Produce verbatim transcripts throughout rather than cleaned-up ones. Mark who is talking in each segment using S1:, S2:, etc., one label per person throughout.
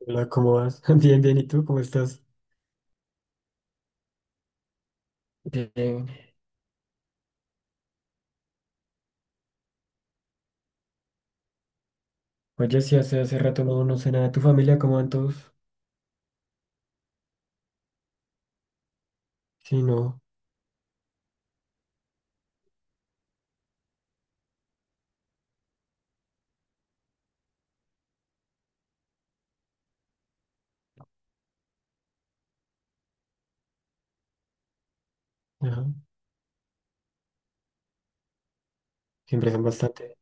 S1: Hola, ¿cómo vas? Bien, bien, ¿y tú? ¿Cómo estás? Bien. Oye, sí, hace, hace rato no, no sé nada de tu familia, ¿cómo van todos? Sí, no, ajá, siempre son bastante.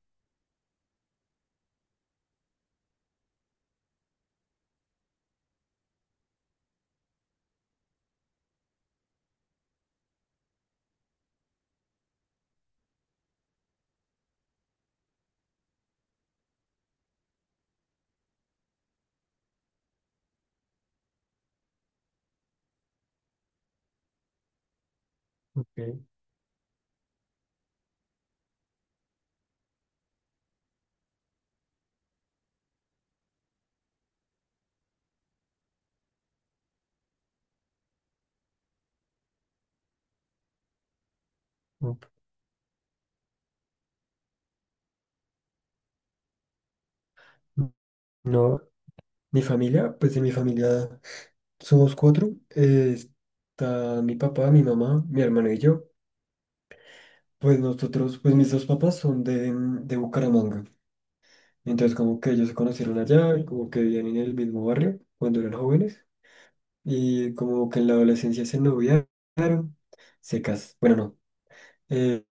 S1: Ok. up. No, mi familia, pues de mi familia somos cuatro. Eh, está mi papá, mi mamá, mi hermano y yo. Pues nosotros, pues mis dos papás son de, de Bucaramanga. Entonces como que ellos se conocieron allá, y como que vivían en el mismo barrio cuando eran jóvenes. Y como que en la adolescencia se noviaron, se casaron. Bueno, no. eh,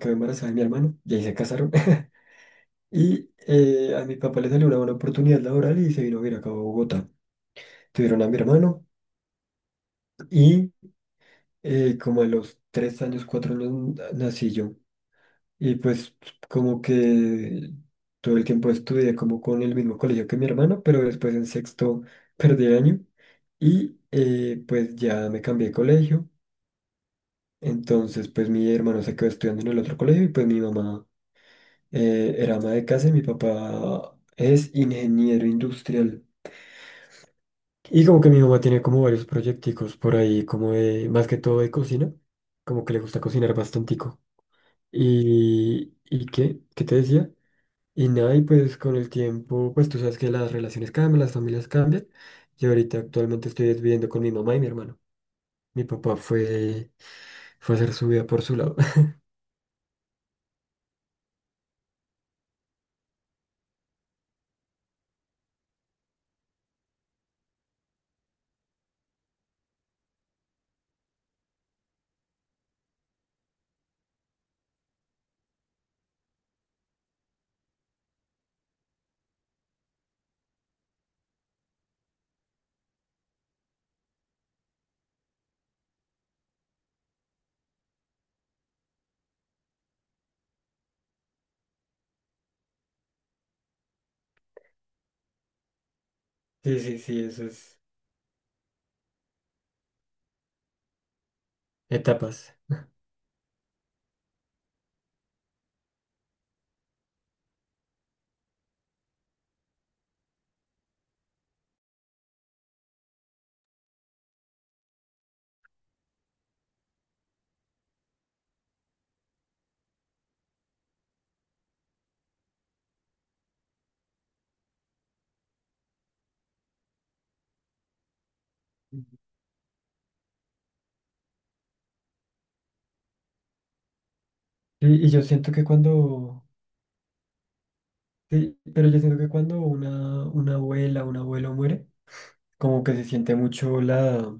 S1: Quedó embarazada de mi hermano y ahí se casaron. Y eh, a mi papá le salió una buena oportunidad laboral y se vino a vivir acá a Bogotá. Tuvieron a mi hermano y eh, como a los tres años, cuatro años n- nací yo. Y pues como que todo el tiempo estudié como con el mismo colegio que mi hermano, pero después en sexto perdí el año y eh, pues ya me cambié de colegio. Entonces pues mi hermano se quedó estudiando en el otro colegio y pues mi mamá eh, era ama de casa y mi papá es ingeniero industrial. Y como que mi mamá tiene como varios proyecticos por ahí, como de, más que todo de cocina, como que le gusta cocinar bastantico. ¿Y, y qué? ¿Qué te decía? Y nada, y pues con el tiempo, pues tú sabes que las relaciones cambian, las familias cambian. Y ahorita actualmente estoy viviendo con mi mamá y mi hermano. Mi papá fue, Fue a hacer su vida por su lado. Sí, sí, sí, eso es. Etapas. Y, y yo siento que cuando Sí, pero yo siento que cuando una, una abuela, un abuelo muere, como que se siente mucho la,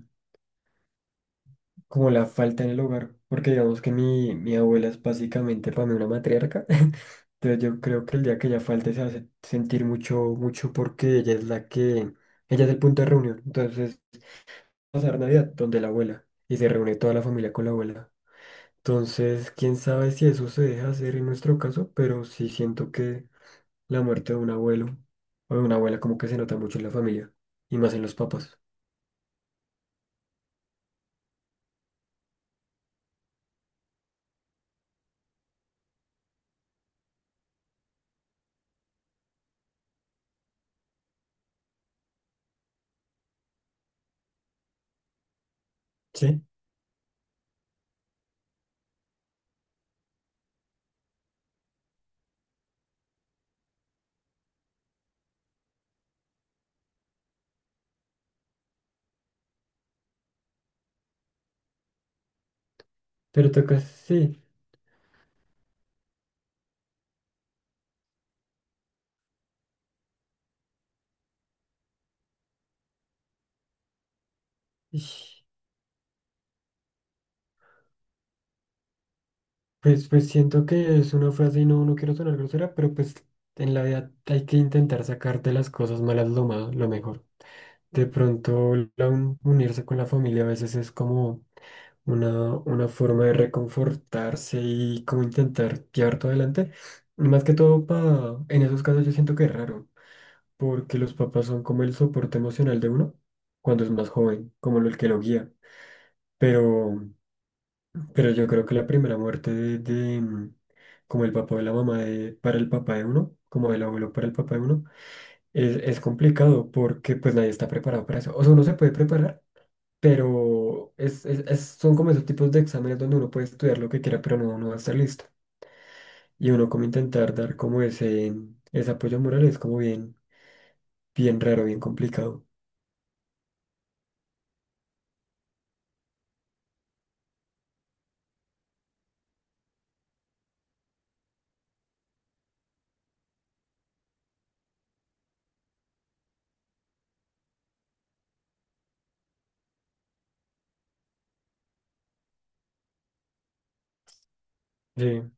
S1: como la falta en el hogar, porque digamos que mi, mi abuela es básicamente para mí una matriarca, entonces yo creo que el día que ella falte se hace sentir mucho, mucho porque ella es la que, ella es el punto de reunión. Entonces pasar Navidad donde la abuela y se reúne toda la familia con la abuela. Entonces, quién sabe si eso se deja hacer en nuestro caso, pero sí siento que la muerte de un abuelo o de una abuela como que se nota mucho en la familia y más en los papás. Sí, pero toca, sí. ish, Pues, pues siento que es una frase y no, no quiero sonar grosera, pero pues en la vida hay que intentar sacarte las cosas malas lo más, lo mejor. De pronto la un- unirse con la familia a veces es como una, una forma de reconfortarse y como intentar llevar todo adelante. Más que todo pa en esos casos yo siento que es raro. Porque los papás son como el soporte emocional de uno cuando es más joven, como el que lo guía. Pero, pero yo creo que la primera muerte de, de, mm, como el papá o la mamá de, para el papá de uno, como el abuelo para el papá de uno, es, es complicado porque pues nadie está preparado para eso. O sea, uno se puede preparar, pero es, es- es- son como esos tipos de exámenes donde uno puede estudiar lo que quiera, pero no, no va a estar listo. Y uno como intentar dar como ese, ese apoyo moral es como bien, bien raro, bien complicado. Sí.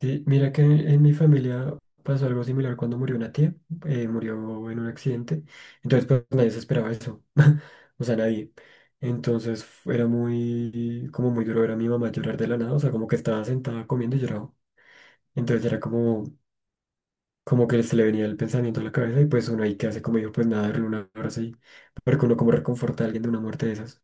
S1: Sí, mira que en mi familia pasó algo similar cuando murió una tía, eh, murió en un accidente. Entonces pues nadie se esperaba eso, o sea, nadie. Entonces fu- era muy, como muy duro ver a mi mamá llorar de la nada, o sea, como que estaba sentada comiendo y lloraba. Entonces era como, como que se le venía el pensamiento a la cabeza y pues uno ahí que hace como dijo, pues nada, darle un abrazo y, porque uno como reconforta a alguien de una muerte de esas.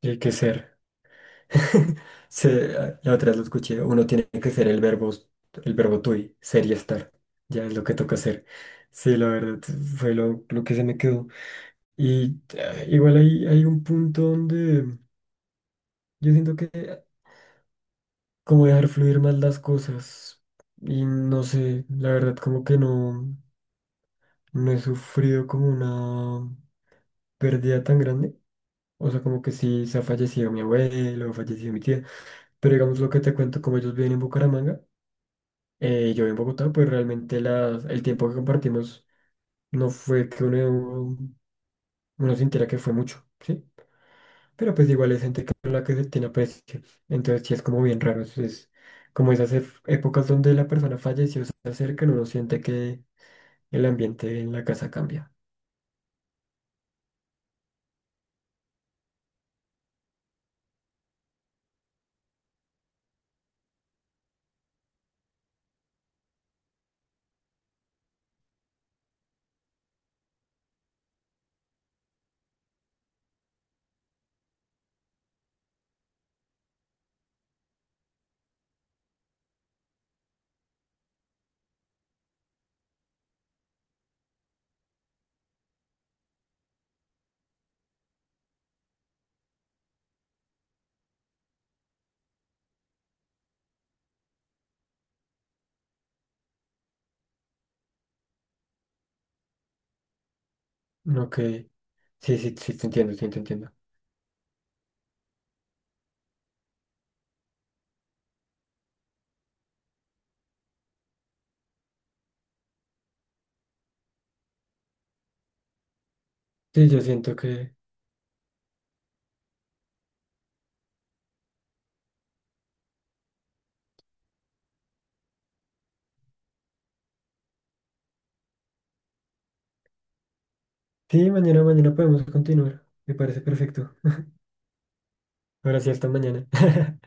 S1: Y hay que ser. Se- la otra vez lo escuché, uno tiene que ser el verbo, el verbo tui, ser y estar. Ya es lo que toca hacer. Sí, la verdad, fue lo, lo que se me quedó. Y eh, igual hay, hay un punto donde yo siento que eh, como dejar fluir más las cosas. Y no sé, la verdad, como que no, no he sufrido como una pérdida tan grande. O sea, como que sí se ha fallecido mi abuelo, falleció mi tía. Pero digamos lo que te cuento, como ellos viven en Bucaramanga. Eh, yo en Bogotá, pues realmente las, el tiempo que compartimos no fue que uno, uno sintiera que fue mucho, ¿sí? Pero pues igual es gente con la que se tiene aprecio. ¿Sí? Entonces sí es como bien raro. Es, es como esas ef- épocas donde la persona falleció, se acercan, uno siente que el ambiente en la casa cambia. No que... Sí, sí, sí, te entiendo, sí, te entiendo. Sí, yo siento que... Sí, mañana, mañana podemos continuar. Me parece perfecto. Ahora sí, hasta mañana.